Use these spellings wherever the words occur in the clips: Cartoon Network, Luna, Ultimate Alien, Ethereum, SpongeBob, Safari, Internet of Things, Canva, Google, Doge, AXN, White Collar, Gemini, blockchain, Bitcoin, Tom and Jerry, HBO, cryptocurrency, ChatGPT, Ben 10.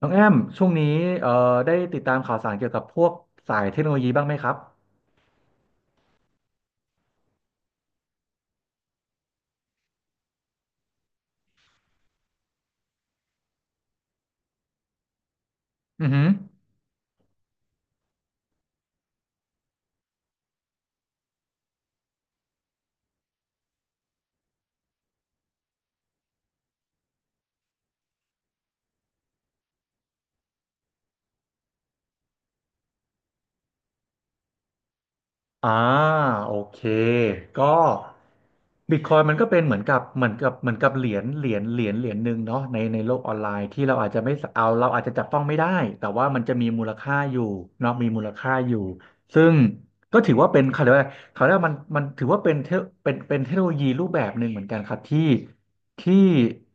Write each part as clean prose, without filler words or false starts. น้องแอมช่วงนี้เอ่อได้ติดตามข่าวสารเกี่ยวกับพวกสายเทคโนโลยีบ้างไหมครับอือหืออ่าโอเคก็บิตคอยมันก็เป็นเหมือนกับเหรียญหนึ่งเนาะในโลกออนไลน์ที่เราอาจจะไม่เอาเราอาจจะจับต้องไม่ได้แต่ว่ามันจะมีมูลค่าอยู่เนาะมีมูลค่าอยู่ซึ่งก็ถือว่าเป็นเขาเรียกว่าเขาเรียกว่ามันถือว่าเป็นเป็นเทคโนโลยีรูปแบบหนึ่งเหมือนกันครับที่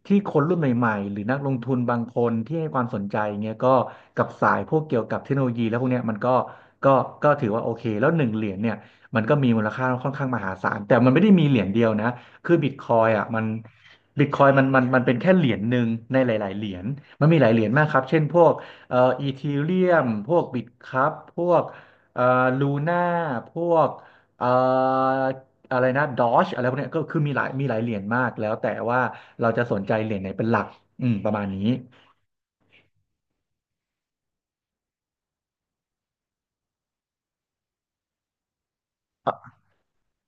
ที่คนรุ่นใหม่ๆหรือนักลงทุนบางคนที่ให้ความสนใจเงี้ยก็กับสายพวกเกี่ยวกับเทคโนโลยีแล้วพวกเนี้ยมันก็ก็ก็ถือว่าโอเคแล้วหนึ่งเหรียญเนี่ยมันก็มีมูลค่าค่อนข้างมหาศาลแต่มันไม่ได้มีเหรียญเดียวนะคือบิตคอยอ่ะมันบิตคอยมันเป็นแค่เหรียญหนึ่งในหลายๆเหรียญมันมีหลายเหรียญมากครับเช่นพวกอีทีเรียมพวกบิตครับพวกเอ่อลูน่าพวกเอ่อ อะไรนะดอชอะไรพวกเนี้ยก็คือมีหลายเหรียญมากแล้วแต่ว่าเราจะสนใจเหรียญไหนเป็นหลักอืมประมาณนี้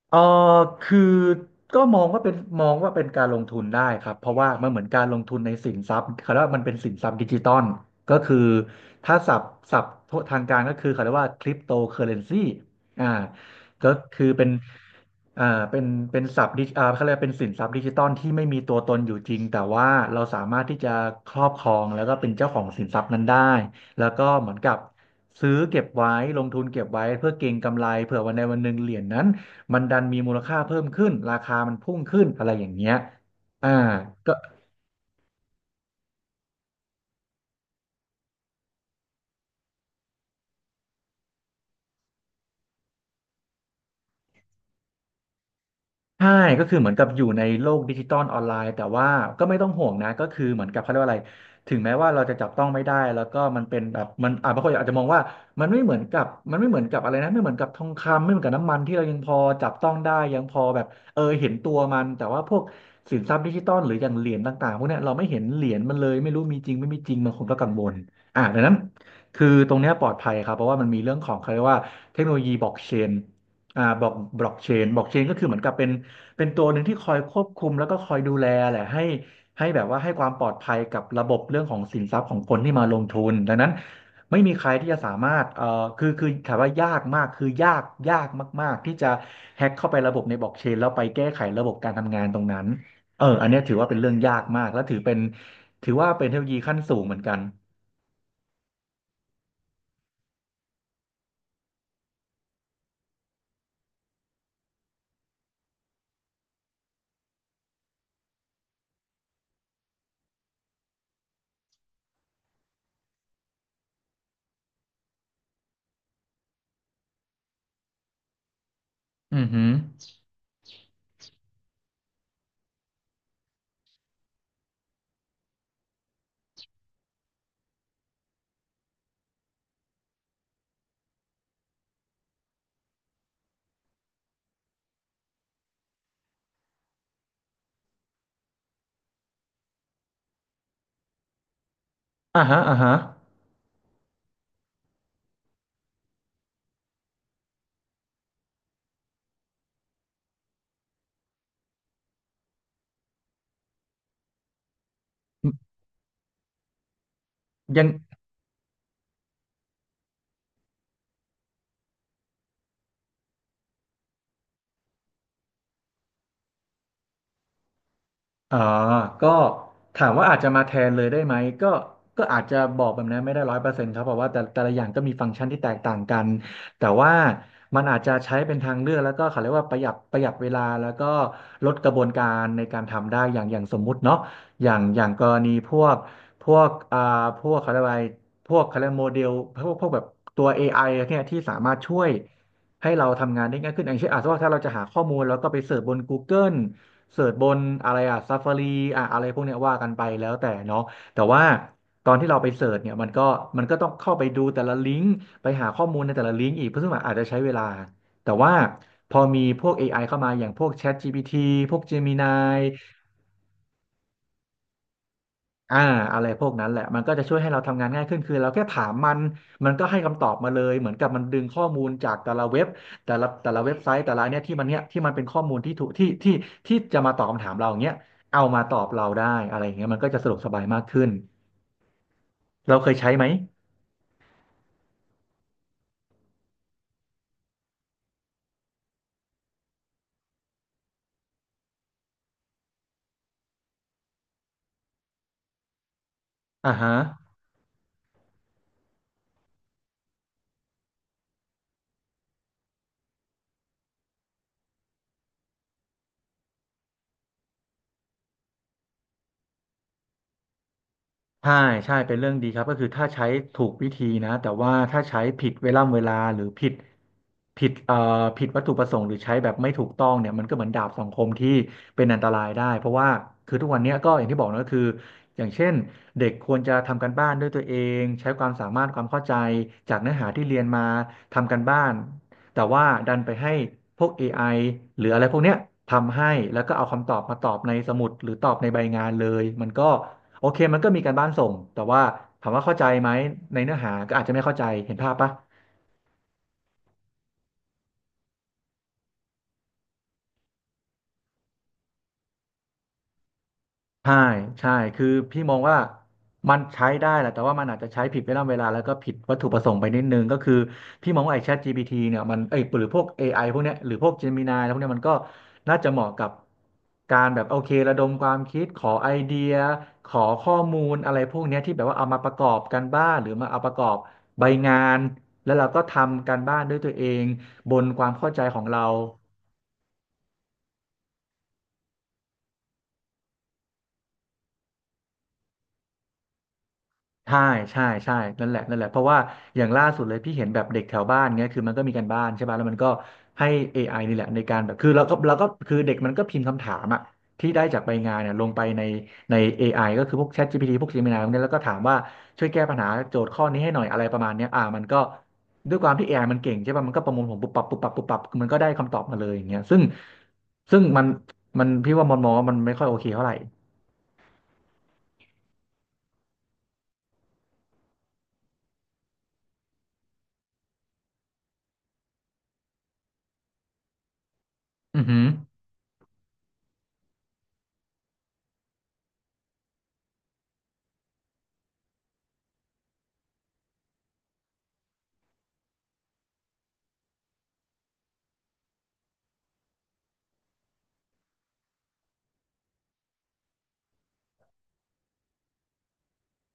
เออคือก็มองว่าเป็นการลงทุนได้ครับ เพราะว่ามันเหมือนการลงทุนในสินทรัพย์เขาเรียกว่ามันเป็นสินทรัพย์ดิจิตอลก็คือถ้าศัพท์ทางการก็คือเขาเรียกว่าคริปโตเคอเรนซีอ่าก็คือเป็นอ่าเป็นศัพท์ดิอ่าเขาเรียกว่าเป็นสินทรัพย์ดิจิตอลที่ไม่มีตัวตนอยู่จริงแต่ว่าเราสามารถที่จะครอบครองแล้วก็เป็นเจ้าของสินทรัพย์นั้นได้แล้วก็เหมือนกับซื้อเก็บไว้ลงทุนเก็บไว้เพื่อเก็งกำไรเผื่อวันใดวันหนึ่งเหรียญนั้น มันดันมีมูลค่าเพิ่มขึ้นราคามันพุ่งขึ้นอะไรอย่างเงี้ยอ่าก็ ใช่ก็คือเหมือนกับอยู่ในโลกดิจิตอลออนไลน์แต่ว่าก็ไม่ต้องห่วงนะก็คือเหมือนกับเขาเรียกว่าอะไรถึงแม้ว่าเราจะจับต้องไม่ได้แล้วก็มันเป็นแบบมันอ่าบางคนอาจจะมองว่ามันไม่เหมือนกับมันไม่เหมือนกับอะไรนะไม่เหมือนกับทองคำไม่เหมือนกับน้ำมันที่เรายังพอจับต้องได้ยังพอแบบเออเห็นตัวมันแต่ว่าพวกสินทรัพย์ดิจิตอลหรืออย่างเหรียญต่างๆพวกเนี้ยเราไม่เห็นเหรียญมันเลยไม่รู้มีจริงไม่มีจริงบางคนก็กังวลอ่าดังนั้นคือตรงเนี้ยปลอดภัยครับเพราะว่ามันมีเรื่องของเขาเรียกว่าเทคโนโลยีบล็อกเชนอ่าบล็อกเชนก็คือเหมือนกับเป็น เป็นตัวหนึ่งที่คอยควบคุมแล้วก็คอยดูแลแหละให้แบบว่าให้ความปลอดภัยกับระบบเรื่องของสินทรัพย์ของคนที่มาลงทุนดังนั้นไม่มีใครที่จะสามารถคือคือถามว่ายากมากคือยากยากมากๆที่จะแฮ็กเข้าไประบบในบล็อกเชนแล้วไปแก้ไขระบบการทำงานตรงนั้นเอออันเนี้ยถือว่าเป็นเรื่องยากมากและถือเป็นว่าเป็นเทคโนโลยีขั้นสูงเหมือนกันอือหืออ่าฮะอ่าฮะยัง อ่าก็ถามว่าอาจจะมาแทนเลยได้ไหมก็อาจจะบอกแบบนั้นไม่ได้ร้อยเปอร์เซ็นต์ครับเพราะว่าแต่ละอย่างก็มีฟังก์ชันที่แตกต่างกัน แต่ว่ามันอาจจะใช้เป็นทางเลือกแล้วก็เขาเรียกว่าประหยัดเวลาแล้วก็ลดกระบวนการในการทำได้อย่างอย่างสมมุติเนาะอย่างกรณีพวกพวกอ่าพวกเขาเรียกว่าอะไรพวกเขาเรียกโมเดลพวกแบบตัว AI เนี่ยที่สามารถช่วยให้เราทำงานได้ง่ายขึ้นอย่างเช่นอาจจะว่าถ้าเราจะหาข้อมูลแล้วก็ไปเสิร์ชบน Google เสิร์ชบนอะไรอะซัฟฟารีอะอะไรพวกเนี้ยว่ากันไปแล้วแต่เนาะแต่ว่าตอนที่เราไปเสิร์ชเนี่ยมันก็ต้องเข้าไปดูแต่ละลิงก์ไปหาข้อมูลในแต่ละลิงก์อีกเพราะซึ่งมันอาจจะใช้เวลาแต่ว่าพอมีพวก AI เข้ามาอย่างพวก ChatGPT พวก Gemini อ่าอะไรพวกนั้นแหละมันก็จะช่วยให้เราทำงานง่ายขึ้นคือเราแค่ถามมันมันก็ให้คำตอบมาเลยเหมือนกับมันดึงข้อมูลจากแต่ละเว็บแต่ละเว็บไซต์แต่ละอันเนี่ยที่มันเป็นข้อมูลที่ถูกที่ที่จะมาตอบคำถามเราอย่างเงี้ยเอามาตอบเราได้อะไรอย่างเงี้ยมันก็จะสะดวกสบายมากขึ้นเราเคยใช้ไหมอ่าฮะ ใช่ใช่เป็นเรื่องดีครับก็คือถ้าใช้ถูกวิธีนะแต่ว่าถ้าใช้ผิดเวลาหรือผิดผิดวัตถุประสงค์หรือใช้แบบไม่ถูกต้องเนี่ยมันก็เหมือนดาบสองคมที่เป็นอันตรายได้เพราะว่าคือทุกวันเนี้ยก็อย่างที่บอกนะก็คืออย่างเช่นเด็กควรจะทำการบ้านด้วยตัวเองใช้ความสามารถความเข้าใจจากเนื้อหาที่เรียนมาทำการบ้านแต่ว่าดันไปให้พวก ไอหรืออะไรพวกเนี้ยทำให้แล้วก็เอาคำตอบมาตอบในสมุดหรือตอบในใบงานเลยมันก็ โอเคมันก็มีการบ้านส่ง แต่ว่าถามว่าเข้าใจไหมในเนื้อหาก็อาจจะไม่เข้าใจ เห็นภาพปะ ใช่ใช่คือพี่มองว่ามันใช้ได้แหละแต่ว่ามันอาจจะใช้ผิดเวลาแล้วก็ผิดวัตถุประสงค์ไปนิดนึงก็คือพี่มองว่าไอ้ ChatGPT เนี่ยมันไอ้ยหรือพวก AI พวกเนี้ยหรือพวก Gemini แล้วพวกเนี้ยมันก็น่าจะเหมาะกับการแบบโอเคระดมความคิดขอไอเดียขอข้อมูลอะไรพวกเนี้ยที่แบบว่าเอามาประกอบกันบ้านหรือมาเอาประกอบใบงานแล้วเราก็ทำการบ้านด้วยตัวเองบนความเข้าใจของเรา ใช่ใช่ใช่นั่นแหละนั่นแหละ เพราะว่าอย่างล่าสุดเลยพี่เห็นแบบเด็กแถวบ้านเงี้ยคือมันก็มีการบ้านใช่ป่ะแล้วมันก็ให้ AI นี่แหละในการแบบคือเราก็คือเด็กมันก็พิมพ์คำถามอะที่ได้จากใบงานเนี่ยลงไปใน AI ก็คือพวก ChatGPT พวก Gemini พวกเนี้ยแล้วก็ถามว่าช่วยแก้ปัญหาโจทย์ข้อนี้ให้หน่อยอะไรประมาณเนี้ยมันก็ด้วยความที่ AI มันเก่งใช่ป่ะมันก็ประมวลผลปุ๊บปับปุ๊บปับปุ๊บปับมันก็ได้คำตอบมาเลยอย่างเงี้ยซึ่งมันพี่ว่ามันมองว่ามันไม่ค่อยโอเคเท่าไหร่อือหือ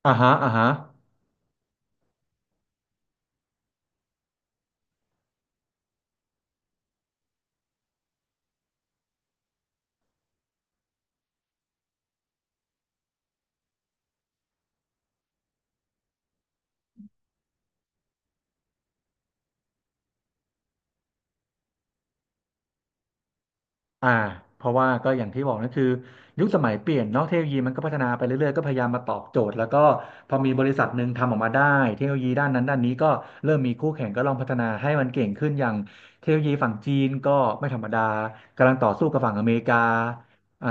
อ่าฮะ อ่าเพราะว่าก็อย่างที่บอกนั่นคือยุคสมัยเปลี่ยนเนาะเทคโนโลยีมันก็พัฒนาไปเรื่อยๆก็พยายามมาตอบโจทย์แล้วก็พอมีบริษัทหนึ่งทำออกมาได้เทคโนโลยีด้านนั้นด้านนี้ก็เริ่มมีคู่แข่งก็ลองพัฒนาให้มันเก่งขึ้นอย่างเทคโนโลยีฝั่งจีนก็ไม่ธรรมดากำลังต่อสู้กับฝั่งอเมริกาอ่า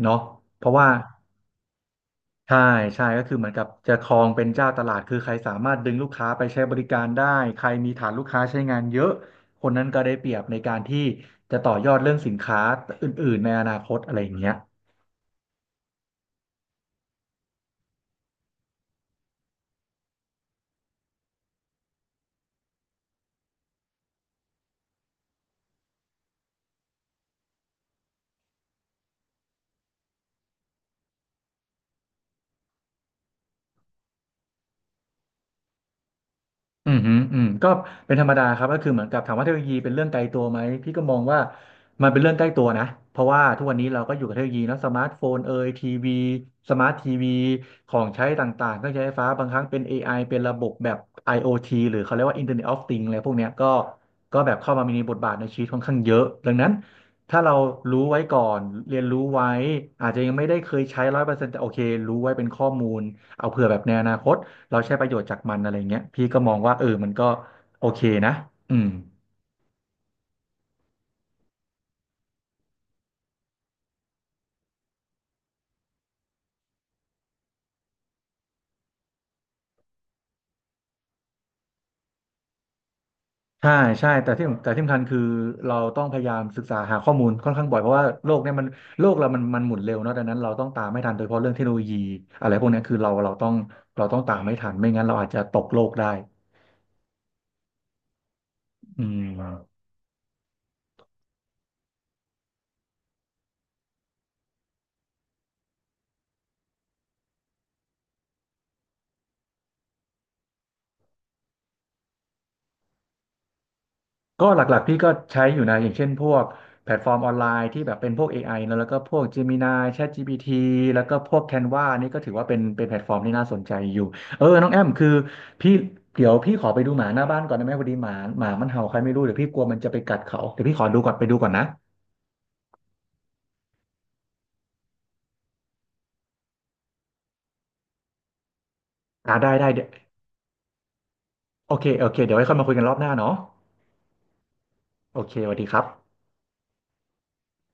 เนาะเพราะว่า ใช่ใช่ก็คือเหมือนกับจะครองเป็นเจ้าตลาดคือใครสามารถดึงลูกค้าไปใช้บริการได้ใครมีฐานลูกค้าใช้งานเยอะคนนั้นก็ได้เปรียบในการที่จะต่อยอดเรื่องสินค้าอื่นๆในอนาคตอะไรอย่างเงี้ย อืมฮึอืมก็เป็นธรรมดาครับก็คือเหมือนกับถามว่าเทคโนโลยีเป็นเรื่องไกลตัวไหม พี่ก็มองว่ามันเป็นเรื่องใกล้ตัวนะ เพราะว่าทุกวันนี้เราก็อยู่กับเทคโนโลยีเนอะสมาร์ทโฟนเอยทีวีสมาร์ททีวีของใช้ต่างๆเครื่องใช้ไฟฟ้าบางครั้งเป็น AI เป็นระบบแบบ IoT หรือเขาเรียกว่า Internet of Things อะไรพวกเนี้ยก็ก็แบบเข้ามามีบทบาทในชีวิตค่อนข้างเยอะดังนั้นถ้าเรารู้ไว้ก่อนเรียนรู้ไว้อาจจะยังไม่ได้เคยใช้ร้อยเปอร์เซ็นต์แต่โอเครู้ไว้เป็นข้อมูลเอาเผื่อแบบในอนาคต เราใช้ประโยชน์จากมันอะไรเงี้ยพี่ก็มองว่าเออมันก็โอเคนะอืมใช่ใช่แต่ที่สำคัญคือเราต้องพยายามศึกษาหาข้อมูลค่อนข้างบ่อยเพราะว่าโลกเนี่ยมันโลกเรามันหมุนเร็วเนาะดังนั้นเราต้องตามไม่ทันโดยเฉพาะเรื่องเทคโนโลยีอะไรพวกเนี้ยคือเราต้องเราต้องตามไม่ทันไม่งั้นเราอาจจะตกโลกได้อืม ก็หลักๆพี่ก็ใช้อยู่นะอย่างเช่นพวกแพลตฟอร์มออนไลน์ที่แบบเป็นพวก AI แล้วก็พวก Gemini ChatGPT แล้วก็พวก Canva นี่ก็ถือว่าเป็นแพลตฟอร์มที่น่าสนใจอยู่เออน้องแอมคือพี่เดี๋ยวพี่ขอไปดูหมาหน้าบ้านก่อนได้ไหมพอดีหมามันเห่าใครไม่รู้เดี๋ยวพี่กลัวมันจะไปกัดเขาเดี๋ยวพี่ขอดูก่อนไปดูก่อนนะอ่าได้ได้เดี๋ยวโอเคโอเคเดี๋ยวไว้ค่อยมาคุยกันรอบหน้าเนาะโอเคสวัสดีครับ